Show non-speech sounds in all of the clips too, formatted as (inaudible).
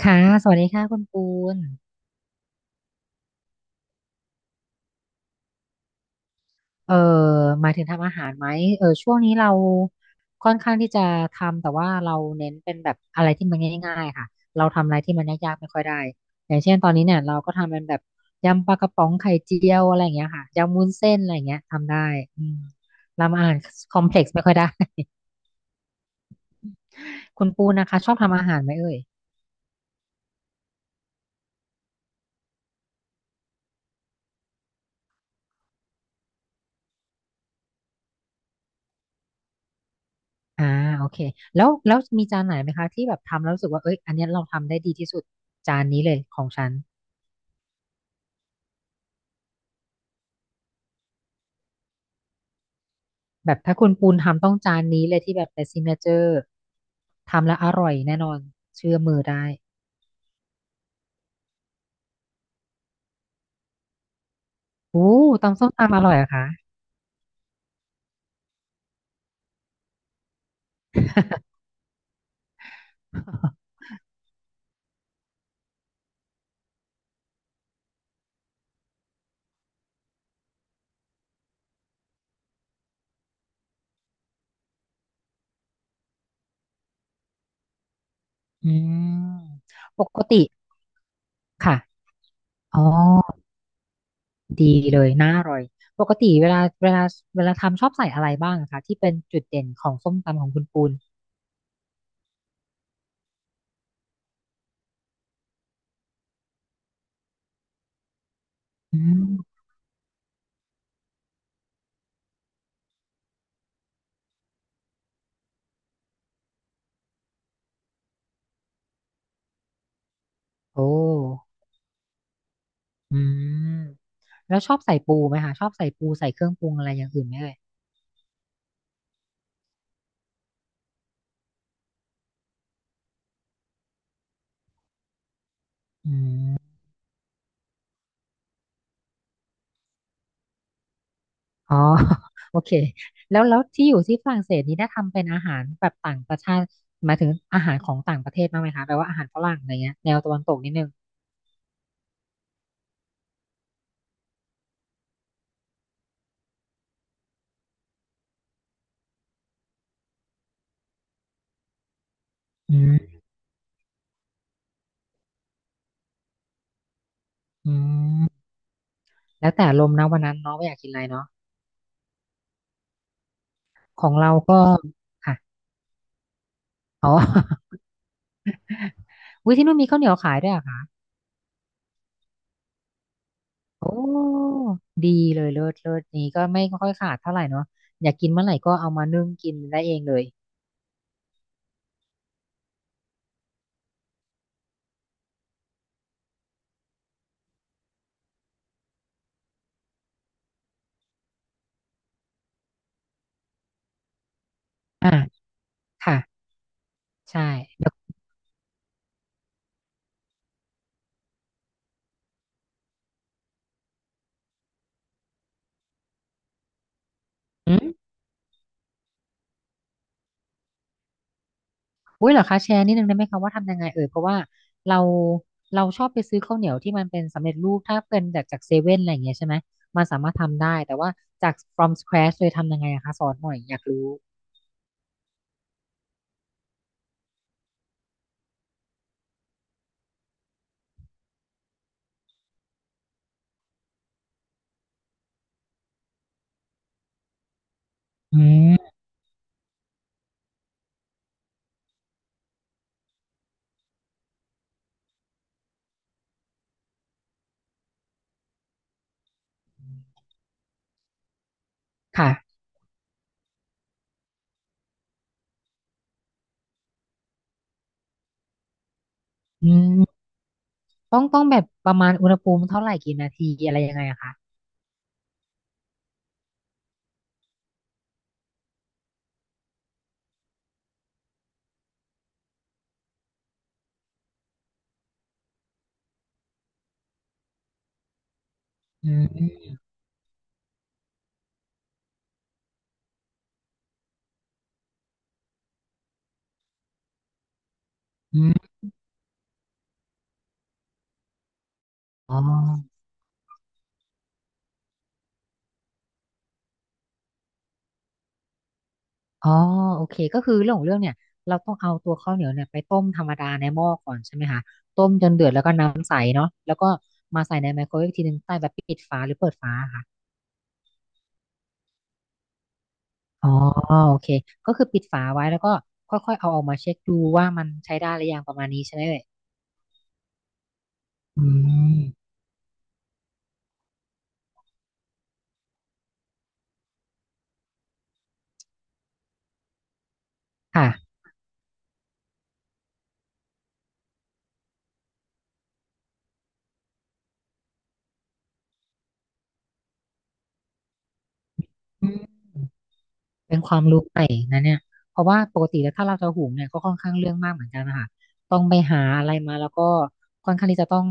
ค่ะสวัสดีค่ะคุณปูนเอ่อหมายถึงทำอาหารไหมเออช่วงนี้เราค่อนข้างที่จะทำ แต่ว่าเราเน้นเป็นแบบอะไรที่มันง่ายๆค่ะเราทำอะไรที่มันยากๆไม่ค่อยได้อย่างเช่นตอนนี้เนี่ยเราก็ทำเป็นแบบยำปลากระป๋องไข่เจียวอะไรอย่างเงี้ยค่ะ ยำวุ้นเส้นอะไรอย่างเงี้ยทำได้อืมทำอาหารคอมเพล็กซ์ไม่ค่อยได้ (laughs) คุณปูนนะคะชอบทำอาหารไหมเอ่ยอ่าโอเคแล้วมีจานไหนไหมคะที่แบบทำแล้วรู้สึกว่าเอ้ยอันเนี้ยเราทำได้ดีที่สุดจานนี้เลยของฉัน แบบถ้าคุณปูนทำต้องจานนี้เลยที่แบบเป็นซิกเนเจอร์ทำแล้วอร่อยแน่นอนเชื่อมือได้โอ้ตำส้มตำอร่อยเหรอะคะ (laughs) อืมปกติค่ะอ๋อดีเลยน่าอร่อยปกติเวลาทำชอบใส่อะไรบ้างอะคะที่เป็นจุดเด่นของส้มตำของคุณปูนอืมโอ้อืมแล้วชอบใส่ปูไหมคะชอบใส่ปูใส่เครื่องปรุงอะไรอย่างอื่นไหมเอ่ยอืม อ๋อ (laughs) โอเคแล้วที่อยู่ที่ฝรั่งเศสนี้ได้ทำเป็นอาหารแบบต่างประชาติหมายถึงอาหารของต่างประเทศบ้างไหมคะแบบว่าอาหารฝรั่งอะไรเงี้ยแนวตะวันตกนิดนึงอืมอืมแล้วแต่ลมณ์นะวันนั้นเนาะว่าอยากกินอะไรเนาะของเราก็ค่ะอ๋อ (laughs) วิที่นู่นมีข้าวเหนียวขายด้วยเหรอะคะโอ้ดีเลยเลิศเลิศนี้ก็ไม่ค่อยขาดเท่าไหร่เนาะอยากกินเมื่อไหร่ก็เอามานึ่งกินได้เองเลยอ่าค่ะใช่ อุ้ยเหรอคะแชร์นิดนึงได้ไหมคะว่าทำยังไงเอ่ยเพราะว่าเราเราชอบไปซื้อข้าวเหนียวที่มันเป็นสำเร็จรูปถ้าเป็นจากเซเว่นอะไรอย่างเงี้ยใช่ไหมมันสามารถทำได้แต่ว่าจาก from scratch เลยทำยังไงอะคะสอนหน่อยอยากรู้อืมค่ะอืมต้องแบบประมาณอุณหภูมิเท่าไหร่กี่นาทีอะไรยังไงอะคะอืมอืมอ๋อ อ๋อโอเคก็คือเรื่องของเรื่องเนี่ยเราต้องเอาตัวข้าวเหนียวเนี่ยไปต้มธรรมดาในหม้อก่อนใช่ไหมคะต้มจนเดือดแล้วก็น้ำใสเนาะแล้วก็มาใส่ในไมโครเวฟอีกทีนึงใต้แบบปิดฝาหรือเปิดฝาค่ะอ๋อโอเคก็คือปิดฝาไว้แล้วก็ค่อยๆเอาออกมาเช็คดูว่ามันใช้ได้หรือยังประมาณนี้ใช่ไหมเอ่ยอืมค่ะอืม เป็นความรู้ใหม่นะเนี่ยเพราะว่าปกติแล้วถ้าเราจะหุงเนี่ยก็ค่อนข้างเรื่องมากเหมือนกันนะคะต้องไปหาอะไรมาแล้วก็ค่อนข้างที่จะต้อง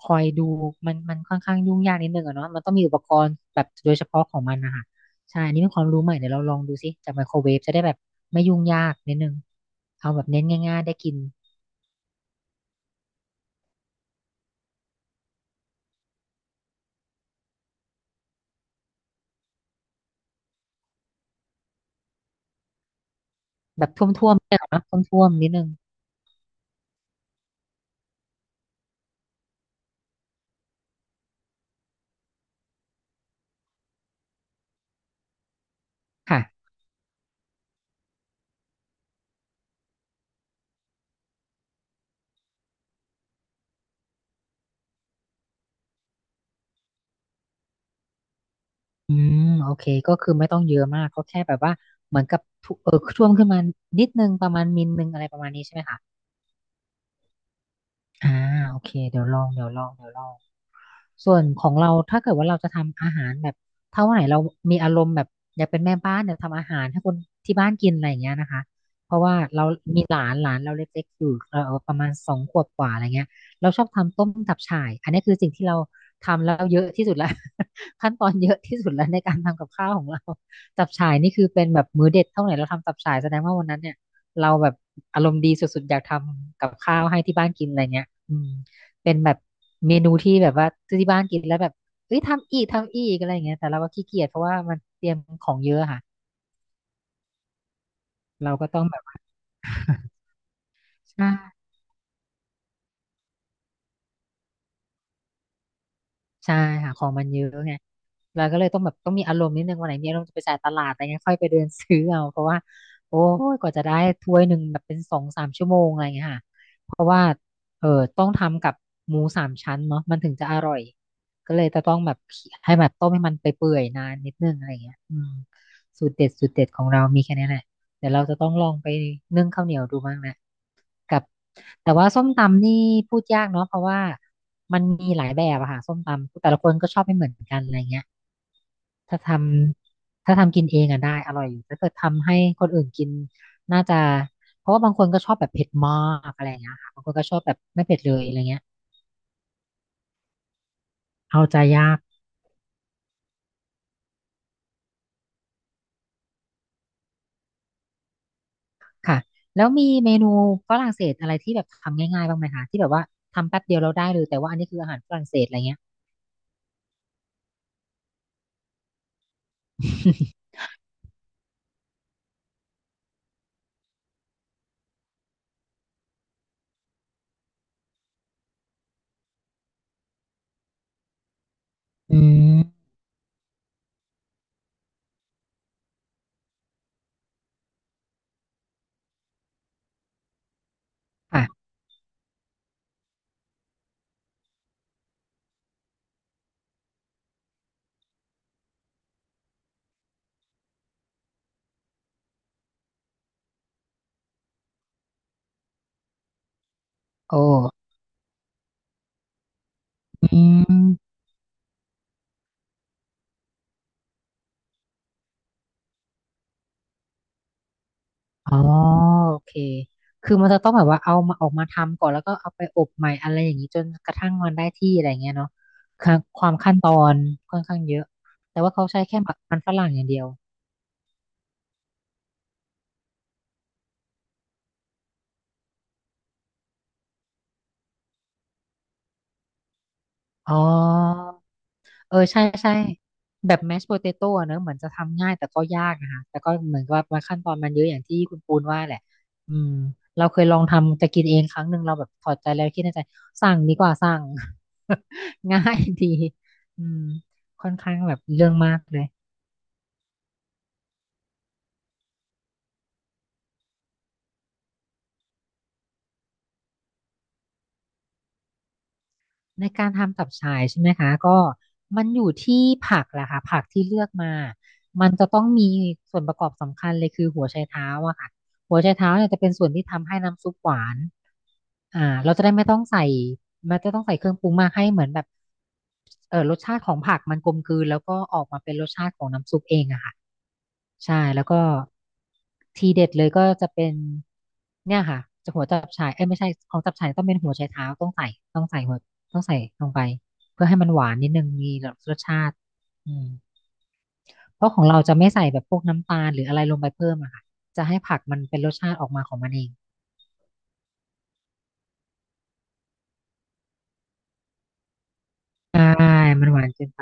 คอยดูมันมันค่อนข้างยุ่งยากนิดนึงอะเนาะมันต้องมีอุปกรณ์แบบโดยเฉพาะของมันนะคะใช่ อันนี่เป็นความรู้ใหม่เดี๋ยวเราลองดูสิจากไมโครเวฟจะได้แบบไม่ยุ่งยากนิดนึงเอาแบบเน้นง่ายๆได้กินแบบท่วมๆเนี่ยเนาะท่วมๆนิดนึงค่ะอืมโอเคก็คือไม่ต้องเยอะมากก็แค่แบบว่าเหมือนกับทุช่วงขึ้นมานิดนึงประมาณมิลนึงอะไรประมาณนี้ใช่ไหมคะ อ่าโอเคเดี๋ยวลองเดี๋ยวลองเดี๋ยวลอง ส่วนของเราถ้าเกิดว่าเราจะทำอาหารแบบถ้าวันไหนเรามีอารมณ์แบบอยากเป็นแม่บ้านอยากทำอาหารให้คนที่บ้านกินอะไรอย่างเงี้ยนะคะเพราะว่าเรามีหลานหลานเราเล็กๆอยู่เราประมาณ2 ขวบกว่าอะไรเงี้ยเราชอบทำต้มตับฉ่ายอันนี้คือสิ่งที่เราทำแล้วเยอะที่สุดแล้ว (laughs) ขั้นตอนเยอะที่สุดแล้วในการทำกับข้าวของเราตับฉ่ายนี่คือเป็นแบบมื้อเด็ดเท่าไหร่เราทำตับฉ่ายแสดงว่าวันนั้นเนี่ยเราแบบอารมณ์ดีสุดๆอยากทำกับข้าวให้ที่บ้านกินอะไรเงี้ยอืม เป็นแบบเมนูที่แบบว่าที่บ้านกินแล้วแบบเอ้ยทำอีกทำอีกอะไรอย่างเงี้ยแต่เราก็ขี้เกียจเพราะว่ามันเตรียมของเยอะค่ะเราก็ต้องแบบว่าใช่ ใช่หาของมันเยอะไงเราก็เลยต้องแบบต้องมีอารมณ์นิดนึงวันไหนมีอารมณ์จะไปจ่ายตลาดอะไรเงี้ยค่อยไปเดินซื้อเอาเพราะว่าโอ้ยกว่าจะได้ถ้วยหนึ่งแบบเป็นสองสามชั่วโมงอะไรเงี้ยค่ะเพราะว่าเออต้องทำกับหมูสามชั้นเนาะมันถึงจะอร่อยก็เลยจะต้องแบบให้แบบต้มให้มันไปเปื่อยนานนิดนึงอะไรเงี้ยอืมสูตรเด็ดของเรามีแค่นี้แหละเดี๋ยวเราจะต้องลองไปนึ่งข้าวเหนียวดูบ้างแหละ กับแต่ว่าส้มตำนี่พูดยากเนาะเพราะว่ามันมีหลายแบบอะค่ะส้มตำแต่ละคนก็ชอบไม่เหมือนกันอะไรเงี้ยถ้าทถ้าทำกินเองอะได้อร่อยอยู่ถ้าเกิดทำให้คนอื่นกินน่าจะเพราะว่าบางคนก็ชอบแบบเผ็ดมากอะไรเงี้ยค่ะบางคนก็ชอบแบบไม่เผ็ดเลยอะไรเงี้ยเอาใจยากค่ะแล้วมีเมนูฝรั่งเศสอะไรที่แบบทำง่ายๆบ้างไหมคะที่แบบว่าทำแป๊บเดียวเราได้เลยแต่ว่าอันนี้คืออาหารฝรั่งเศสอะไรเงี้ย (laughs) อืม (laughs) ค่ะโอ้อืม อ๋อโอเค คือมันจะต้องแบบว่าเอามาออกมาทำก่อนแล้วก็เอาไปอบใหม่อะไรอย่างนี้จนกระทั่งมันได้ที่อะไรเงี้ยเนาะค่ะความขั้นตอนค่อนข้างเยอะ แต่ว่าเขาใช้แค่มันฝรั่งอย่างเดียว อ๋อ เออใช่ใช่แบบแมชโพเตโต้เนอะเหมือนจะทำง่ายแต่ก็ยากนะคะแต่ก็เหมือนกับว่าขั้นตอนมันเยอะอย่างที่คุณปูนว่าแหละอืมเราเคยลองทำจะกินเองครั้งหนึ่งเราแบบถอดใจแล้วคิดในใจสั่งดีกว่าสั่ง (laughs) ง่ายดีอืมค่อนข้างแบบเรื่องมากเลย ในการทำตับฉายใช่ไหมคะก็มันอยู่ที่ผักแหละค่ะผักที่เลือกมามันจะต้องมีส่วนประกอบสำคัญเลยคือหัวไชเท้าอะค่ะหัวไชเท้าเนี่ยจะเป็นส่วนที่ทำให้น้ำซุปหวานอ่าเราจะได้ไม่ต้องใส่มันจะต้องใส่เครื่องปรุงมากให้เหมือนแบบ รสชาติของผักมันกลมกลืนแล้วก็ออกมาเป็นรสชาติของน้ำซุปเองอะค่ะใช่แล้วก็ทีเด็ดเลยก็จะเป็นเนี่ยค่ะจะหัวจับฉ่ายเอ้ยไม่ใช่ของจับฉ่ายต้องเป็นหัวไชเท้าต้องใส่ต้องใส่หัวต้องใส่ลงไปเพื่อให้มันหวานนิดนึงมีรสชาติอืมเพราะของเราจะไม่ใส่แบบพวกน้ำตาลหรืออะไรลงไปเพิ่มอะค่ะจะให้ผักมันเป็นรสชาติออกมาของมันเองใช่มันหวานเกินไป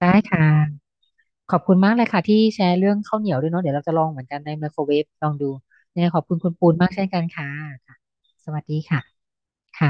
ได้ค่ะ ขอบคุณมากเลยค่ะที่แชร์เรื่องข้าวเหนียวด้วยเนาะเดี๋ยวเราจะลองเหมือนกันในไมโครเวฟลองดูเนี่ยขอบคุณคุณปูนมากเช่นกันค่ะค่ะสวัสดีค่ะค่ะ